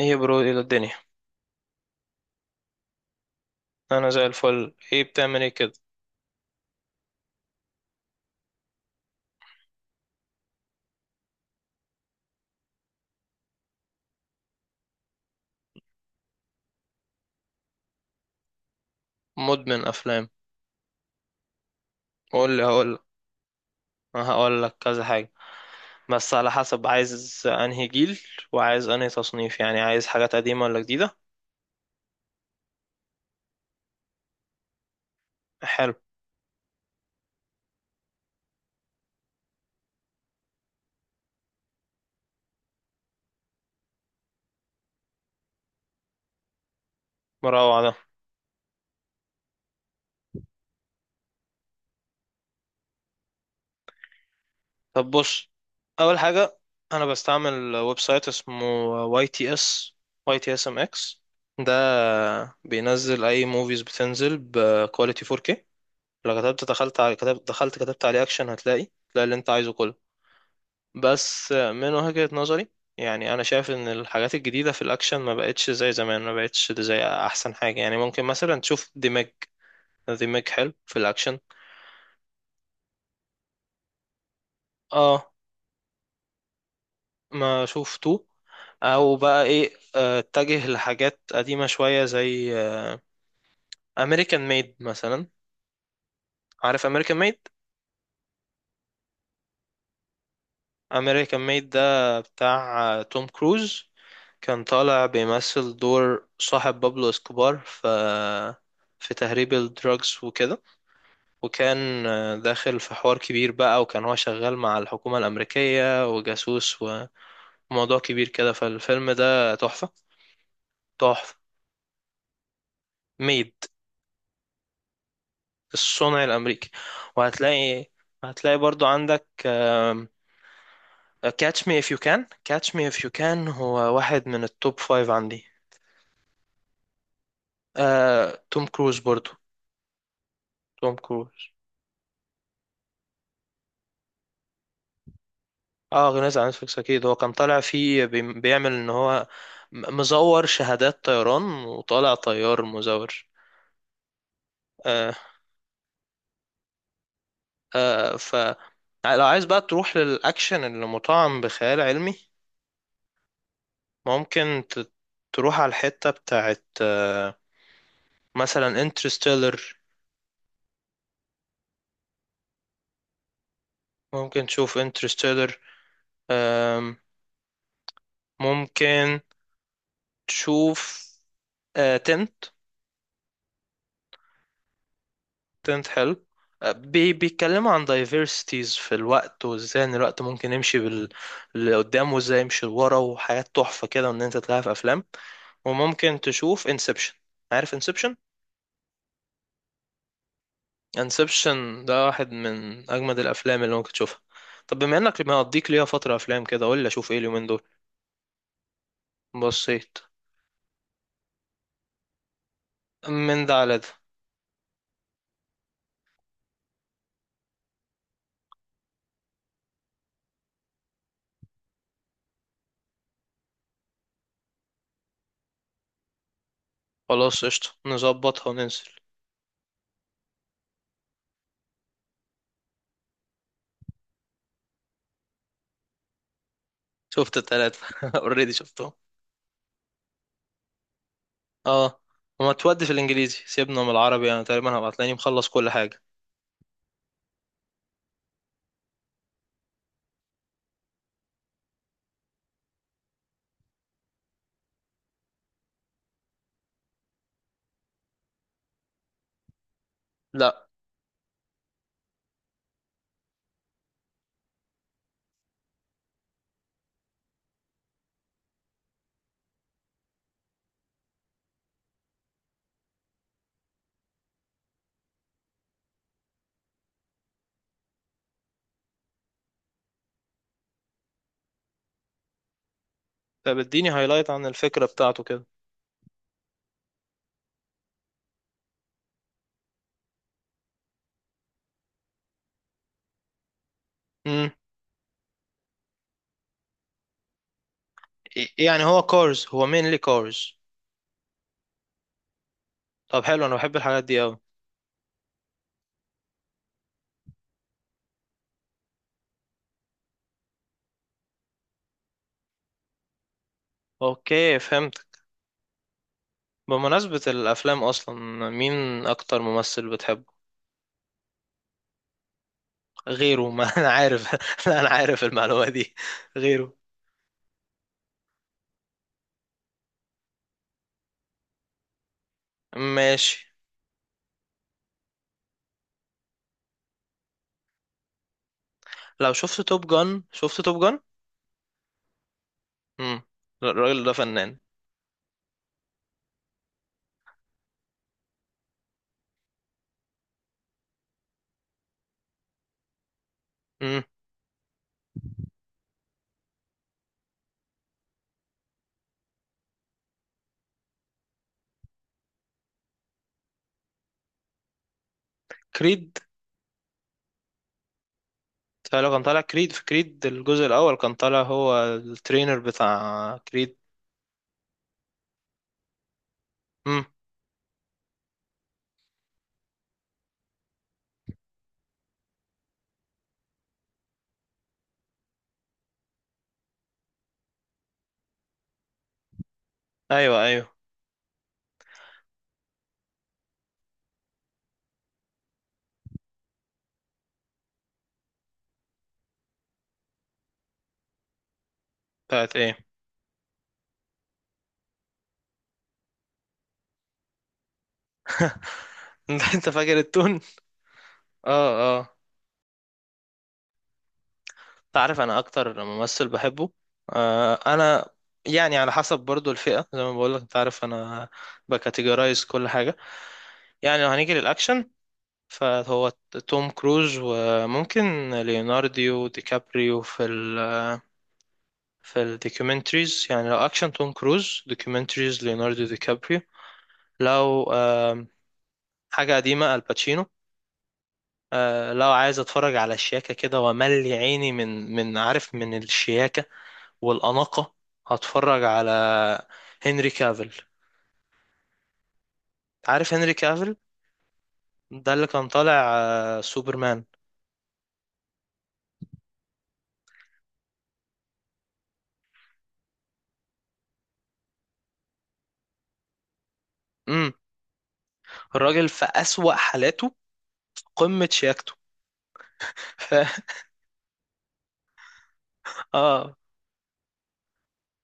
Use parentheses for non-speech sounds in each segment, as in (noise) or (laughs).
ايه يا برو؟ الى الدنيا. انا زي الفل. ايه بتعمل؟ ايه كده؟ مدمن افلام. قول لي هقول لك. هقول لك كذا حاجه، بس على حسب عايز انهي جيل، وعايز انهي تصنيف. يعني عايز حاجات قديمه ولا جديده؟ حلو. مروع ده. طب بص، اول حاجه، انا بستعمل ويب سايت اسمه واي تي اس، واي تي اس ام اكس. ده بينزل اي موفيز، بتنزل بكواليتي 4K. لو كتبت دخلت على كتبت دخلت كتبت عليه اكشن، تلاقي اللي انت عايزه كله. بس من وجهة نظري، يعني انا شايف ان الحاجات الجديده في الاكشن ما بقتش زي زمان، ما بقتش زي احسن حاجه. يعني ممكن مثلا تشوف ديمج. ديمج حلو في الاكشن. اه، ما شفته. او بقى ايه، اتجه لحاجات قديمه شويه زي امريكان ميد مثلا. عارف امريكان ميد؟ امريكان ميد ده بتاع توم كروز. كان طالع بيمثل دور صاحب بابلو اسكوبار في تهريب الدراجز وكده. وكان داخل في حوار كبير بقى، وكان هو شغال مع الحكومة الأمريكية وجاسوس، وموضوع كبير كده. فالفيلم ده تحفة. تحفة. ميد. الصنع الأمريكي. وهتلاقي هتلاقي برضو عندك كاتش مي اف يو كان. كاتش مي اف يو كان هو واحد من التوب فايف عندي. توم كروز برضو. توم كروز. اه، غنيت عن نتفليكس اكيد. هو كان طالع فيه بيعمل ان هو مزور شهادات طيران، وطالع طيار مزور. آه، آه ف لو عايز بقى تروح للأكشن اللي مطعم بخيال علمي، ممكن تروح على الحتة بتاعت مثلا انترستيلر. ممكن تشوف انترستيلر. ممكن تشوف تنت. تنت حلو. آه، بي بيتكلموا عن diversities في الوقت، وازاي ان الوقت ممكن يمشي لقدام، وازاي يمشي لورا، وحاجات تحفة كده، وان انت تلاقيها في افلام. وممكن تشوف انسبشن. عارف انسبشن؟ انسبشن ده واحد من اجمد الافلام اللي ممكن تشوفها. طب بما انك مقضيك ليها فتره افلام كده، قول لي اشوف ايه اليومين دول. بصيت. من ده على ده. خلاص قشطه، نظبطها وننزل. شفت التلاتة (laughs) اوريدي شفتهم. اه. وما تودي في الانجليزي، سيبنا من العربي. انا تقريبا هبقى تلاقيني مخلص كل حاجه. لا. طب اديني هايلايت عن الفكره بتاعته كده. امم. يعني هو كارز؟ هو مينلي كارز؟ طب حلو، انا بحب الحاجات دي قوي. اوكي، فهمت. بمناسبه الافلام اصلا، مين اكتر ممثل بتحبه؟ غيره؟ (laughs) ما انا عارف. (laughs) لا، انا عارف المعلومة دي. غيره. ماشي. لو شفت توب جان، شفت توب جان. امم. الراجل ده فنان. امم. كريد. كان طالع كريد. في كريد الجزء الاول كان طالع هو الترينر بتاع كريد. امم. ايوه ايوه. بتاعت ايه؟ (laughs) انت فاكر التون؟ اه. اه. انت عارف انا اكتر ممثل بحبه؟ انا، يعني على حسب برضو الفئة زي ما بقولك، انت عارف انا بكاتيجورايز كل حاجة. يعني لو هنيجي للأكشن، فهو توم كروز. وممكن ليوناردو دي كابريو في الدوكيومنتريز. يعني لو اكشن توم كروز، دوكيومنتريز ليوناردو دي كابريو. لو حاجة قديمة الباتشينو. لو عايز اتفرج على الشياكة كده وملي عيني من عارف من الشياكة والأناقة، هتفرج على هنري كافيل. عارف هنري كافيل؟ ده اللي كان طالع سوبرمان. امم. الراجل في أسوأ حالاته قمة شياكته. (laughs) اه،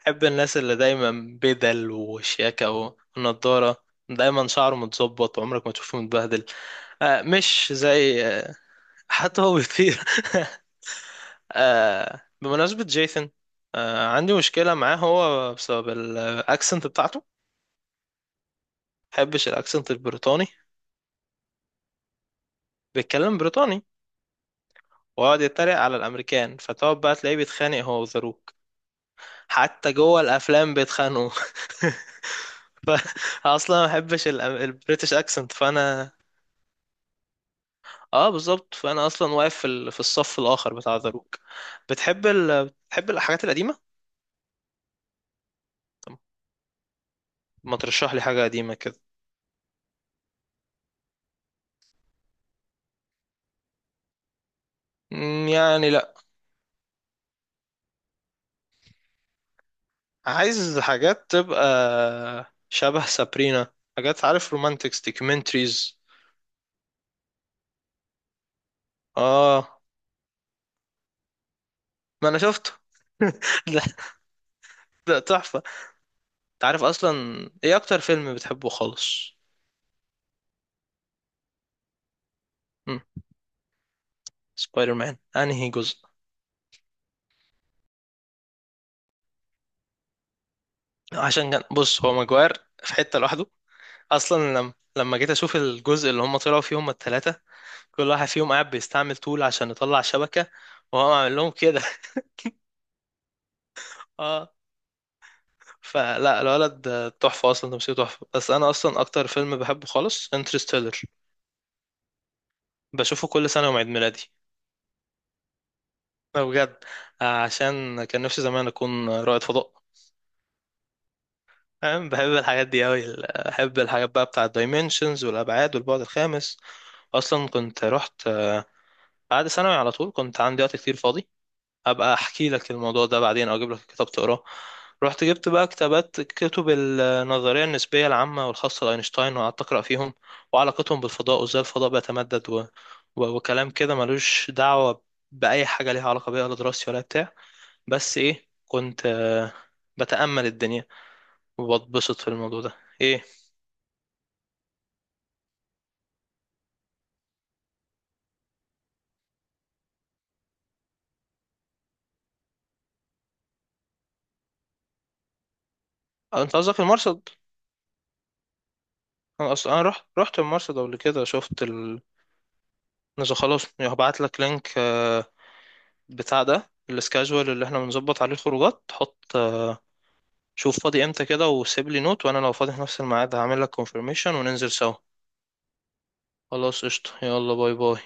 بحب الناس اللي دايما بدل وشياكة ونضارة، دايما شعره متظبط وعمرك ما تشوفه متبهدل. مش زي (laughs) حتى هو بيطير. (laughs) بمناسبة جيثن، عندي مشكلة معاه هو بسبب الأكسنت بتاعته. محبش الأكسنت البريطاني. بيتكلم بريطاني، ويقعد يتريق على الأمريكان، فتقعد بقى تلاقيه بيتخانق هو وذا روك. حتى جوه الافلام بيتخانقوا. (laughs) فاصلا ما بحبش البريتش اكسنت، فانا اه، بالظبط، فانا اصلا واقف في في الصف الاخر بتاع ذا روك. بتحب الحاجات القديمه؟ طب ما ترشح لي حاجه قديمه كده. يعني لا، عايز حاجات تبقى شبه سابرينا. حاجات عارف رومانتكس دوكيومنتريز. اه، ما انا شفته. (laughs) ده ده تحفه. انت عارف اصلا ايه اكتر فيلم بتحبه خالص؟ سبايدر مان انهي جزء؟ عشان كان بص، هو ماجواير في حتة لوحده. اصلا لما جيت اشوف الجزء اللي هم طلعوا فيه هم الثلاثة، كل واحد فيهم قاعد بيستعمل طول عشان يطلع شبكة، وهو عامل لهم كده. (laughs) اه، فلا الولد تحفة اصلا، تمثيله تحفة. بس انا اصلا اكتر فيلم بحبه خالص انترستيلر. بشوفه كل سنة يوم عيد ميلادي. ده بجد، عشان كان نفسي زمان اكون رائد فضاء، فاهم؟ بحب الحاجات دي أوي، بحب الحاجات بقى بتاع الدايمنشنز والأبعاد والبعد الخامس. أصلا كنت رحت بعد ثانوي على طول، كنت عندي وقت كتير فاضي. أبقى أحكي لك الموضوع ده بعدين، أو أجيب لك كتاب تقراه. رحت جبت بقى كتابات، كتب النظرية النسبية العامة والخاصة لأينشتاين، وقعدت أقرأ فيهم، وعلاقتهم بالفضاء، وإزاي الفضاء بيتمدد وكلام كده ملوش دعوة بأي حاجة ليها علاقة بيها، لا دراستي ولا بتاع. بس إيه، كنت بتأمل الدنيا وبتبسط في الموضوع ده. إيه. انت قصدك المرصد. انا اصلا انا رحت المرصد قبل كده شفت نزل خلاص. هبعت لك لينك بتاع ده السكاجوال اللي احنا بنظبط عليه الخروجات. حط شوف فاضي امتى كده، وسيب لي نوت، وانا لو فاضي في نفس الميعاد هعمل لك كونفirmation، وننزل سوا. خلاص قشطة، يلا باي باي.